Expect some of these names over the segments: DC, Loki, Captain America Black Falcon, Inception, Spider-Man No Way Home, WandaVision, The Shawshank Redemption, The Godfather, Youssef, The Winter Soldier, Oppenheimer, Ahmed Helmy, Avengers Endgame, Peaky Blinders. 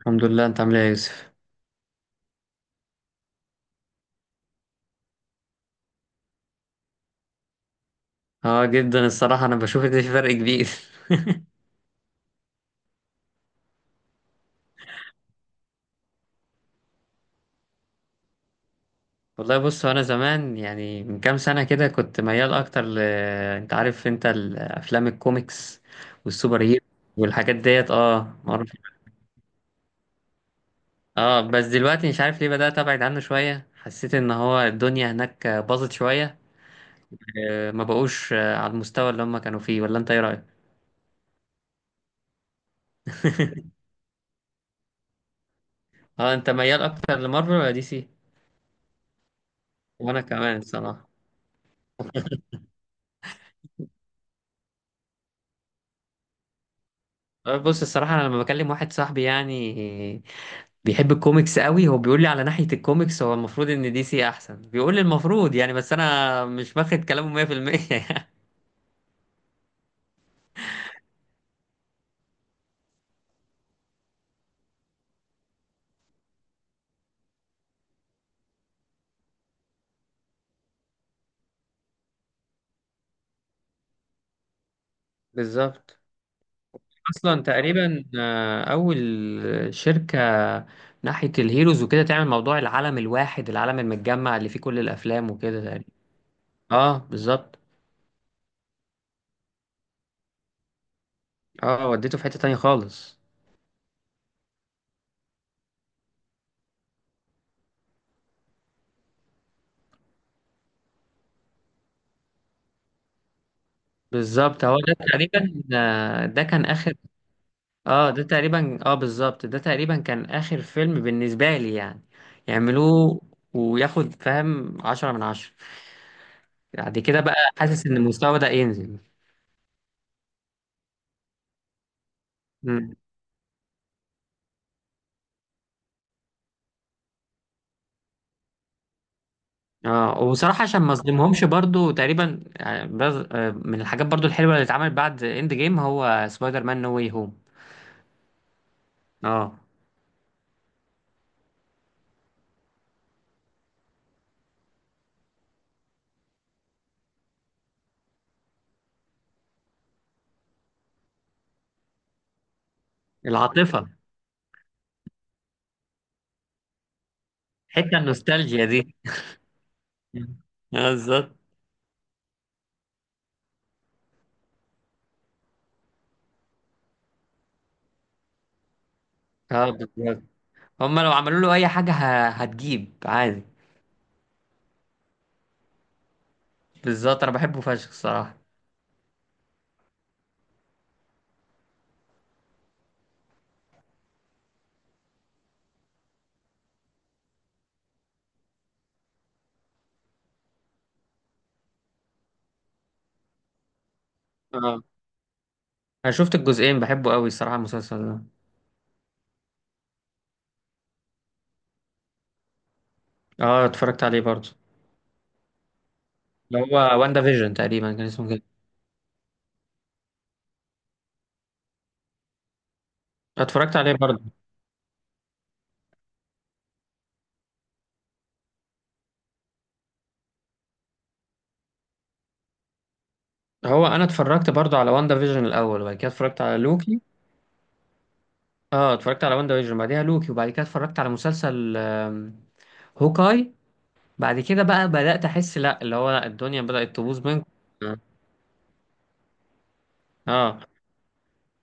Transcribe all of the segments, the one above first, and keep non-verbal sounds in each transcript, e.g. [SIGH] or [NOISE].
الحمد لله. انت عامل ايه يا يوسف؟ اه جدا الصراحه انا بشوف ان في فرق كبير. [LAUGHS] والله بص، انا زمان يعني من كام سنه كده كنت ميال اكتر ل... انت عارف انت الافلام الكوميكس والسوبر هيرو والحاجات ديت، اه معروف. اه بس دلوقتي مش عارف ليه بدات ابعد عنه شويه، حسيت ان هو الدنيا هناك باظت شويه. ما بقوش على المستوى اللي هم كانوا فيه، ولا انت ايه رايك؟ [LAUGHS] اه، انت ميال اكتر لمارفل ولا دي سي؟ وانا كمان الصراحه. بص الصراحة، أنا لما بكلم واحد صاحبي يعني بيحب الكوميكس قوي، هو بيقول لي على ناحية الكوميكس هو المفروض ان دي سي احسن، بيقول لي المفروض يعني، بس انا مش باخد كلامه 100%. [LAUGHS] يعني بالظبط. اصلا تقريبا اول شركة ناحية الهيروز وكده تعمل موضوع العالم الواحد، العالم المتجمع اللي فيه كل الافلام وكده تقريبا. اه بالظبط. اه، وديته في حتة تانية خالص. بالظبط، هو ده تقريبا ده كان اخر. اه ده تقريبا، اه بالظبط، ده تقريبا كان اخر فيلم بالنسبة لي يعني يعملوه، وياخد فاهم 10/10. بعد كده بقى حاسس ان المستوى ده ينزل. مم. اه وبصراحة عشان ما اظلمهمش برضو، تقريبا من الحاجات برضو الحلوة اللي اتعملت بعد اند جيم هو سبايدر مان نو واي هوم. اه، العاطفة، حتة النوستالجيا دي. مم. اه بالظبط. اه بالظبط، هما لو عملوا له اي حاجة هتجيب عادي. بالظبط، انا بحبه فشخ الصراحة. اه، انا شفت الجزئين، بحبه قوي الصراحه المسلسل ده. اه اتفرجت عليه برضه. اللي هو واندا فيجن تقريبا كان اسمه كده. اتفرجت عليه برضه. هو انا اتفرجت برضه على واندا فيجن الاول، وبعد كده اتفرجت على لوكي. اه، اتفرجت على واندا فيجن، بعديها لوكي، وبعد كده اتفرجت على مسلسل هوكاي. بعد كده بقى بدأت احس لا، اللي هو لا، الدنيا بدأت تبوظ منكم. اه.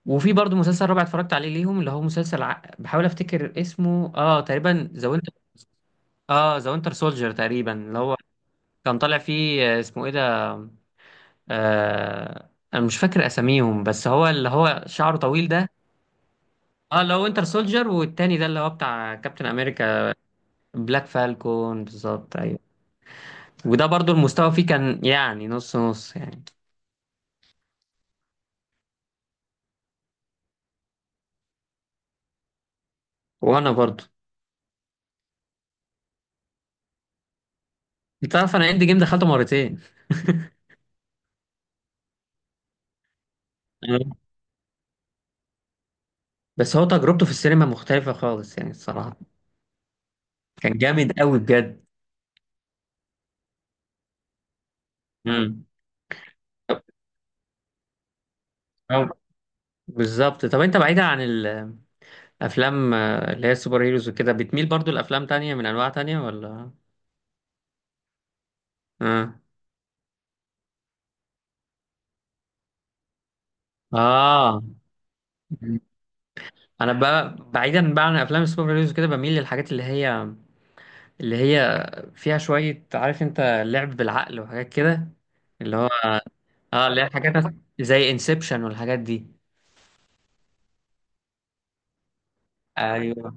وفي برضه مسلسل رابع اتفرجت عليه ليهم، اللي هو مسلسل ع... بحاول افتكر اسمه، اه تقريبا ذا وينتر. اه ذا وينتر سولجر تقريبا اللي هو. كان طالع فيه اسمه ايه ده؟ آه انا مش فاكر اساميهم، بس هو اللي هو شعره طويل ده. اه اللي هو وينتر سولجر، والتاني ده اللي هو بتاع كابتن امريكا. بلاك فالكون بالظبط، ايوه. وده برضو المستوى فيه كان يعني نص نص يعني. وانا برضو. انت عارف انا اند جيم دخلته مرتين. أيوة. بس هو تجربته في السينما مختلفة خالص يعني الصراحة. كان جامد قوي بجد. امم. بالظبط. طب انت بعيدا عن ال افلام اللي هي السوبر هيروز وكده، بتميل برضو لافلام تانية من انواع تانية، ولا؟ اه. اه. انا بقى بعيدا بقى عن افلام السوبر هيروز وكده، بميل للحاجات اللي هي، اللي هي فيها شوية، عارف انت، لعب بالعقل وحاجات كده. اللي هو، اه، اللي هي حاجات زي انسبشن والحاجات دي. ايوه.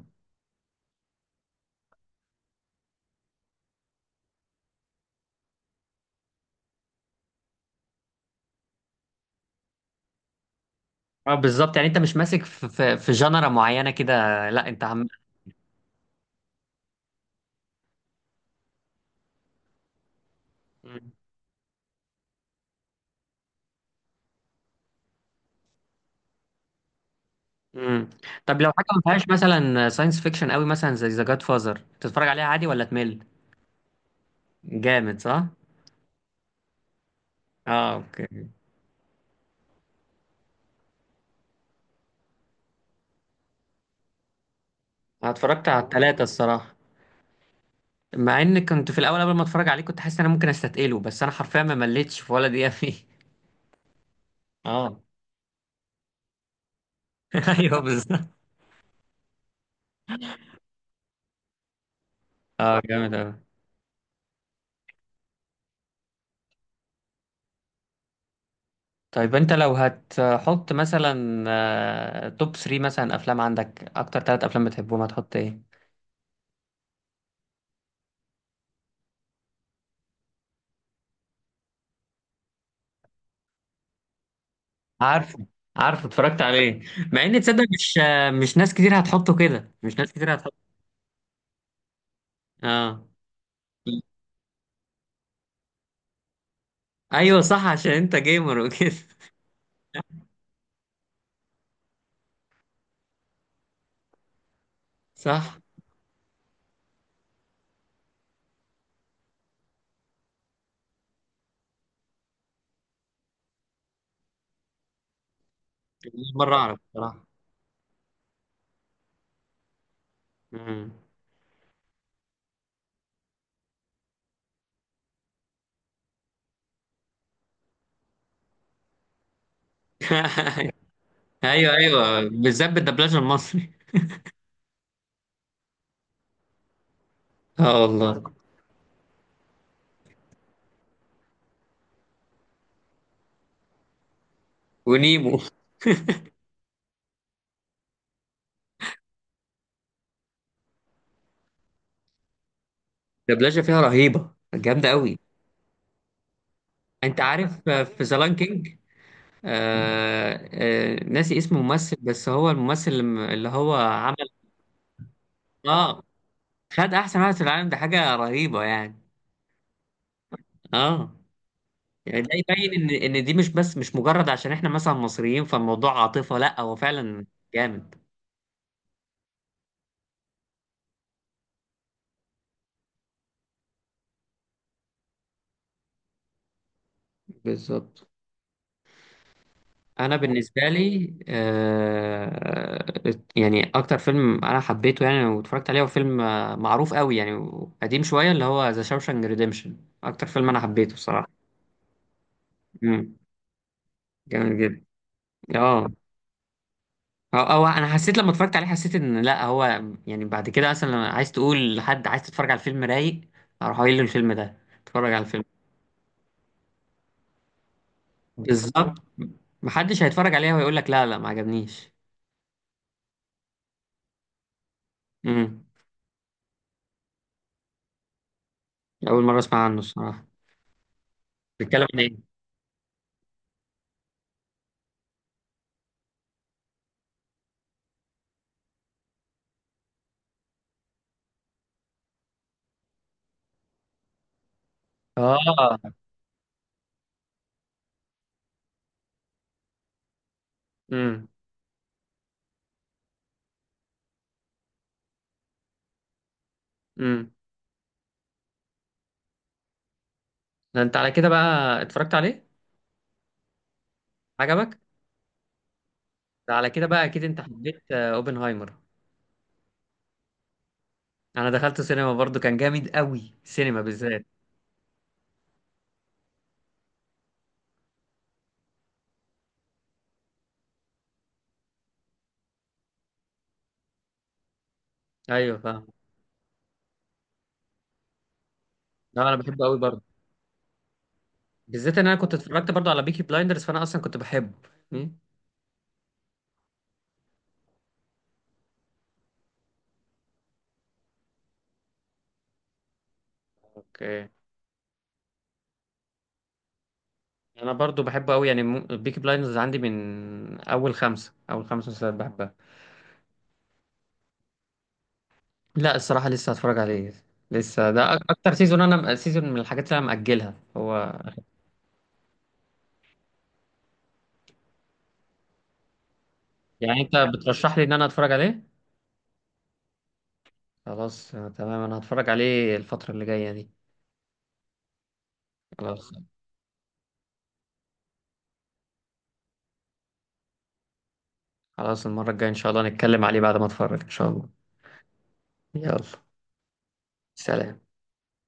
اه بالظبط. يعني انت مش ماسك في جنرا معينة كده؟ لا انت عم. مم. مم. طب لو حاجة ما فيهاش مثلا ساينس فيكشن قوي، مثلا زي ذا جاد فازر، تتفرج عليها عادي ولا تمل؟ جامد صح؟ اه اوكي. أنا اتفرجت على اه التلاتة الصراحة. مع ان كنت في الاول قبل ما اتفرج عليه كنت حاسس ان انا ممكن استثقله، بس انا حرفيا ما مليتش في ولا دقيقة فيه. اه. [LAUGHS] ايوه بالظبط. اه جامد اوي. طيب انت لو هتحط مثلا توب 3 مثلا افلام، عندك اكتر 3 افلام بتحبهم، هتحط ايه؟ عارفه. عارفه، اتفرجت عليه. مع ان تصدق مش ناس كتير هتحطه كده، مش ناس كتير هتحطه. اه. ايوه صح، عشان انت جيمر وكده. [LAUGHS] صح. أول مرة اعرف بصراحة. مم. [LAUGHS] ايوه ايوه، بالذات بالدبلجه المصري. اه والله. ونيمو. الدبلجه فيها رهيبه، جامده قوي. انت عارف في زلان كينج، آه. آه ناسي اسم ممثل، بس هو الممثل اللي هو عمل. اه خد احسن واحد في العالم، ده حاجه رهيبه يعني. اه يعني ده يبين ان ان دي مش بس مش مجرد عشان احنا مثلا مصريين فالموضوع عاطفه، لا هو فعلا جامد. بالظبط. انا بالنسبه لي يعني اكتر فيلم انا حبيته يعني واتفرجت عليه هو فيلم معروف قوي يعني، قديم شويه، اللي هو ذا شاوشانك ريديمشن. اكتر فيلم انا حبيته الصراحه. امم. جامد جدا. اه. او انا حسيت لما اتفرجت عليه، حسيت ان لا هو، يعني بعد كده مثلا لما عايز تقول لحد عايز تتفرج على الفيلم رايق، اروح قايل له الفيلم ده، اتفرج على الفيلم. بالظبط. محدش هيتفرج عليه ويقول لك لا لا ما عجبنيش. امم. اول مره اسمع عنه الصراحه. بيتكلم عن ايه؟ اه. امم. امم. ده انت على كده بقى اتفرجت عليه؟ عجبك؟ ده على كده بقى اكيد انت حبيت اوبنهايمر. انا دخلته سينما برضو، كان جامد قوي سينما بالذات. ايوه فاهم. لا انا بحبه قوي برضو. بالذات ان انا كنت اتفرجت برضو على بيكي بلايندرز، فانا اصلا كنت بحبه. امم. اوكي. انا برضو بحبه قوي يعني، بيكي بلايندرز عندي من اول 5 اول 5 مسلسلات بحبها. لا الصراحة لسه هتفرج عليه. لسه ده اكتر سيزون، انا سيزون من الحاجات اللي انا مأجلها هو. يعني انت بترشح لي ان انا اتفرج عليه؟ خلاص تمام، انا هتفرج عليه الفترة اللي جاية دي. خلاص خلاص. خلاص المرة الجاية ان شاء الله نتكلم عليه بعد ما اتفرج ان شاء الله. يلا سلام.